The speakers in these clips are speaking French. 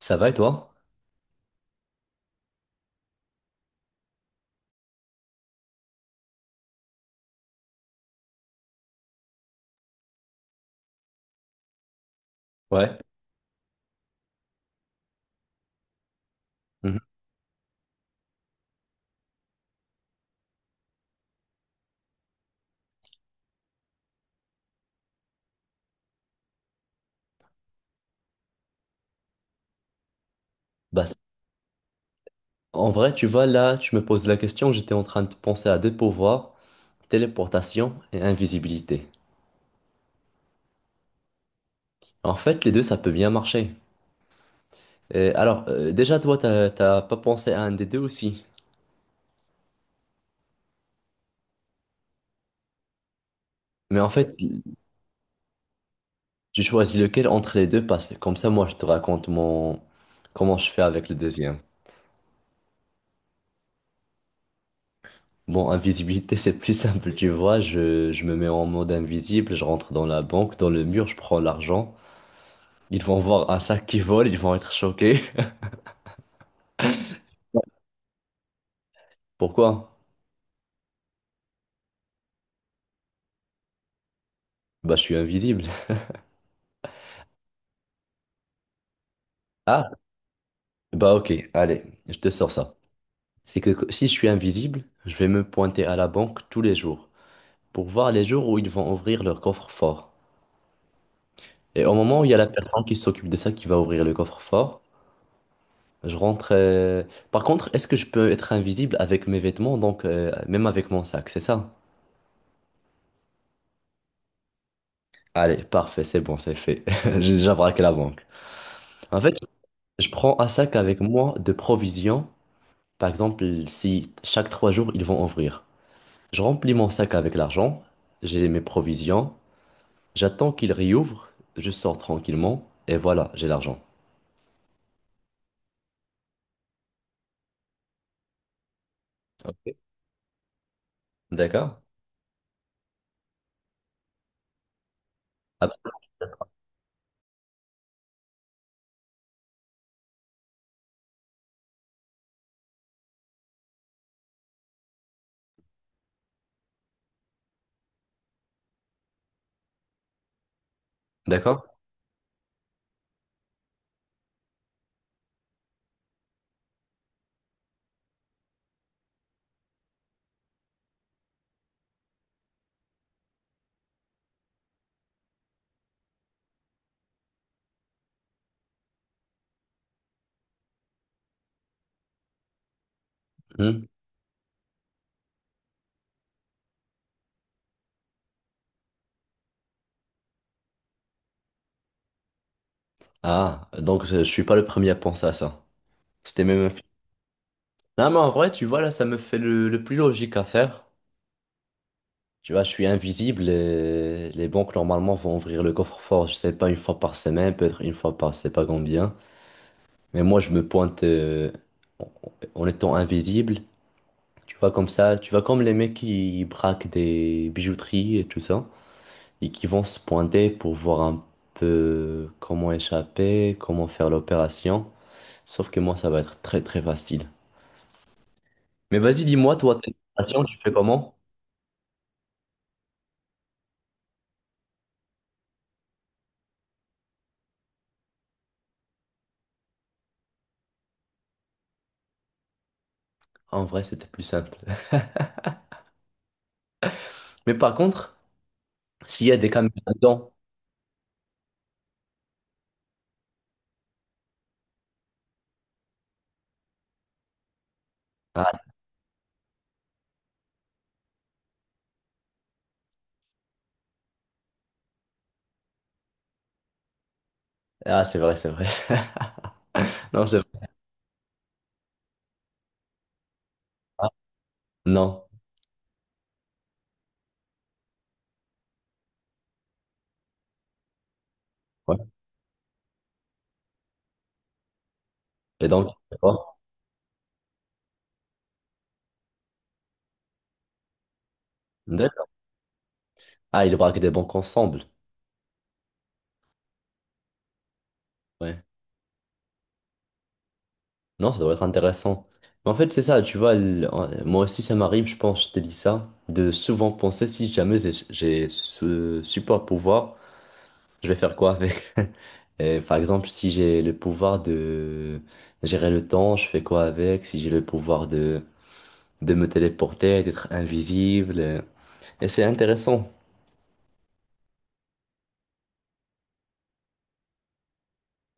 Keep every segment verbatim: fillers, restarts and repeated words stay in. Ça va et toi? Ouais. Mhm. Bah, c- En vrai, tu vois, là, tu me poses la question, j'étais en train de penser à deux pouvoirs, téléportation et invisibilité. En fait, les deux, ça peut bien marcher. Et alors, euh, déjà, toi, t'as t'as pas pensé à un des deux aussi. Mais en fait, j'ai choisis lequel entre les deux parce que comme ça, moi, je te raconte mon... comment je fais avec le deuxième. Bon, invisibilité, c'est plus simple, tu vois. Je, je me mets en mode invisible, je rentre dans la banque, dans le mur, je prends l'argent. Ils vont voir un sac qui vole, ils vont être choqués. Pourquoi? Bah, je suis invisible. Ah, bah ok, allez, je te sors ça. C'est que si je suis invisible, je vais me pointer à la banque tous les jours pour voir les jours où ils vont ouvrir leur coffre-fort. Et au moment où il y a la personne qui s'occupe de ça qui va ouvrir le coffre-fort, je rentre. euh, Par contre, est-ce que je peux être invisible avec mes vêtements, donc euh, même avec mon sac, c'est ça? Allez, parfait, c'est bon, c'est fait. J'ai déjà braqué la banque. En fait, je prends un sac avec moi de provisions. Par exemple, si chaque trois jours ils vont ouvrir. Je remplis mon sac avec l'argent, j'ai mes provisions, j'attends qu'il réouvre, je sors tranquillement et voilà, j'ai l'argent. Ok. D'accord? Ah, d'accord? Hmm. Ah, donc euh, je suis pas le premier à penser à ça. C'était même un film. Non, mais en vrai, tu vois, là, ça me fait le, le plus logique à faire. Tu vois, je suis invisible et les banques, normalement, vont ouvrir le coffre-fort, je sais pas, une fois par semaine, peut-être une fois par, je sais pas combien. Mais moi, je me pointe euh, en en étant invisible. Tu vois comme ça, tu vois comme les mecs qui braquent des bijouteries et tout ça, et qui vont se pointer pour voir un peu comment échapper, comment faire l'opération. Sauf que moi, ça va être très très facile. Mais vas-y, dis-moi, toi, tes opérations, tu fais comment? En vrai, c'était plus simple. Mais par contre, s'il y a des caméras dedans. Ah, ah, c'est vrai, c'est vrai. Non, c'est vrai. Ah, non. Ouais. Et donc, c'est quoi. D'accord. Ah, ils braquent des banques ensemble. Ouais. Non, ça doit être intéressant. Mais en fait, c'est ça, tu vois, l- en- moi aussi, ça m'arrive, je pense, je t'ai dit ça, de souvent penser si jamais j'ai j'ai ce super pouvoir, je vais faire quoi avec? Et par exemple, si j'ai le pouvoir de gérer le temps, je fais quoi avec? Si j'ai le pouvoir de, de me téléporter, d'être invisible. euh, Et c'est intéressant.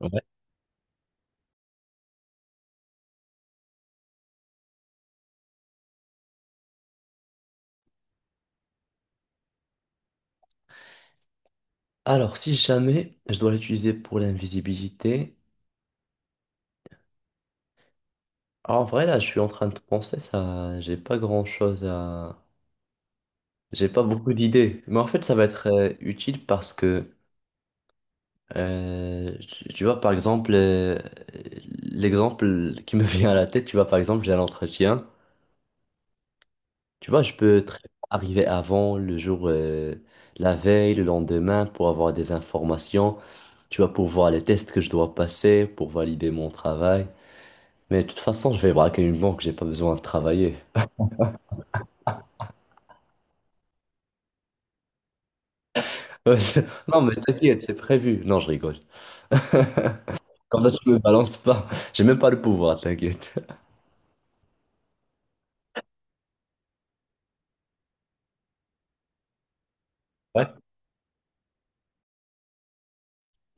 Ouais. Alors, si jamais je dois l'utiliser pour l'invisibilité, en vrai, là, je suis en train de penser ça, j'ai pas grand-chose. J'ai pas beaucoup d'idées, mais en fait, ça va être euh, utile parce que, euh, tu tu vois, par exemple, euh, l'exemple qui me vient à la tête, tu vois, par exemple, j'ai un entretien, tu vois, je peux très bien arriver avant, le jour, euh, la veille, le lendemain, pour avoir des informations, tu vois, pour voir les tests que je dois passer, pour valider mon travail. Mais de toute façon, je vais braquer une banque, j'ai pas besoin de travailler. Ouais, c'est- non, mais t'inquiète, c'est prévu. Non, je rigole. Comme ça, tu me balances pas. J'ai même pas le pouvoir, t'inquiète. Ouais.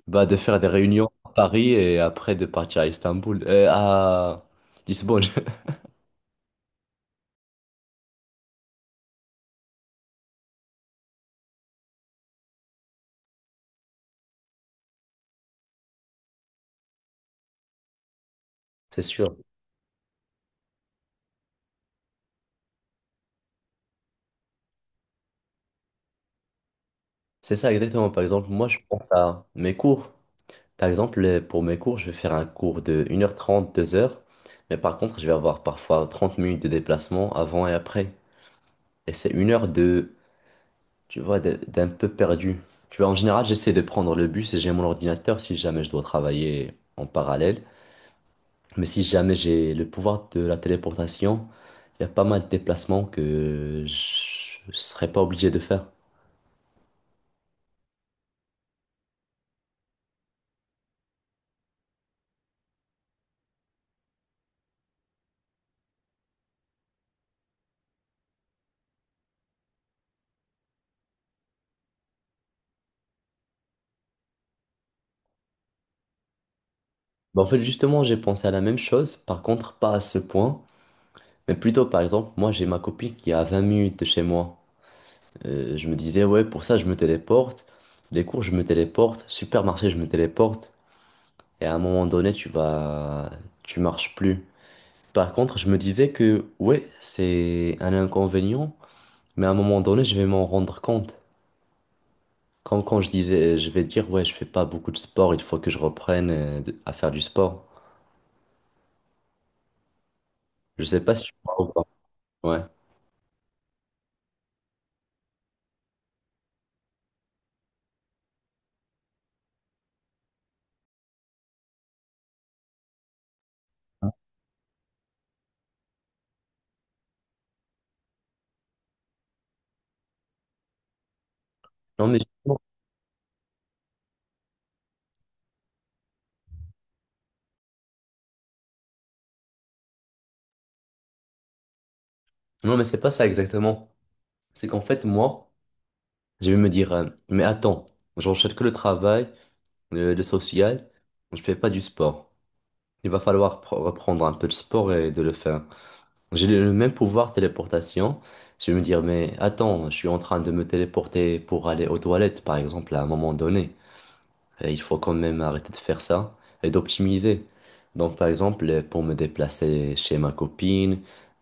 Bah, de faire des réunions à Paris et après de partir à Istanbul, euh, à Lisbonne. C'est sûr. C'est ça exactement. Par exemple, moi, je pense à mes cours. Par exemple, euh, pour mes cours, je vais faire un cours de une heure trente deux heures. Mais par contre, je vais avoir parfois trente minutes de déplacement avant et après. Et c'est une heure de, tu vois, de- d'un peu perdu. Tu vois, en général, j'essaie de prendre le bus et j'ai mon ordinateur si jamais je dois travailler en parallèle. Mais si jamais j'ai le pouvoir de la téléportation, il y a pas mal de déplacements que je ne serais pas obligé de faire. Bah, en fait, justement, j'ai pensé à la même chose, par contre, pas à ce point, mais plutôt, par exemple, moi, j'ai ma copine qui est à vingt minutes de chez moi. Euh, je me disais, ouais, pour ça, je me téléporte, les cours, je me téléporte, supermarché, je me téléporte, et à un moment donné, tu vas... tu marches plus. Par contre, je me disais que, ouais, c'est un inconvénient, mais à un moment donné, je vais m'en rendre compte. Quand, quand je disais, je vais dire, ouais, je fais pas beaucoup de sport, il faut que je reprenne euh, de- à faire du sport. Je sais pas si tu vois ou pas. Ouais. Non, mais, non, mais c'est pas ça exactement. C'est qu'en fait, moi, je vais me dire, euh, mais attends, j'enchaîne que le travail, le, le social, je fais pas du sport. Il va falloir pr- reprendre un peu de sport et de le faire. J'ai le le même pouvoir téléportation. Je vais me dire, mais attends, je suis en train de me téléporter pour aller aux toilettes, par exemple, à un moment donné. Et il faut quand même arrêter de faire ça et d'optimiser. Donc, par exemple, euh, pour me déplacer chez ma copine,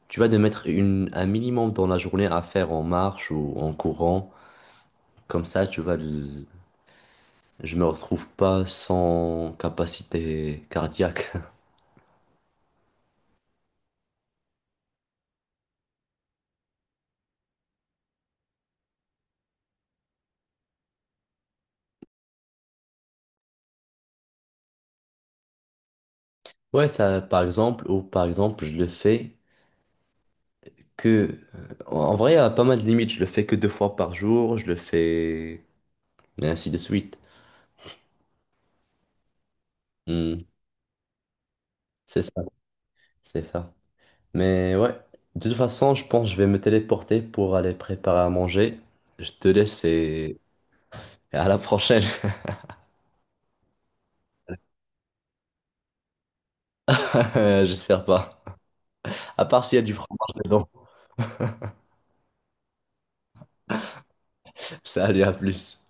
tu vas de mettre une, un minimum dans la journée à faire en marche ou en courant. Comme ça, tu vas, le- je me retrouve pas sans capacité cardiaque. Ouais, ça, par exemple, ou par exemple, je le fais que, euh, en vrai, il y a pas mal de limites. Je le fais que deux fois par jour, je le fais, et ainsi de suite. Hmm, c'est ça, c'est ça. Mais ouais, de toute façon, je pense que je vais me téléporter pour aller préparer à manger. Je te laisse et et à la prochaine. J'espère pas. À part s'il y a du fromage dedans. Salut, à plus.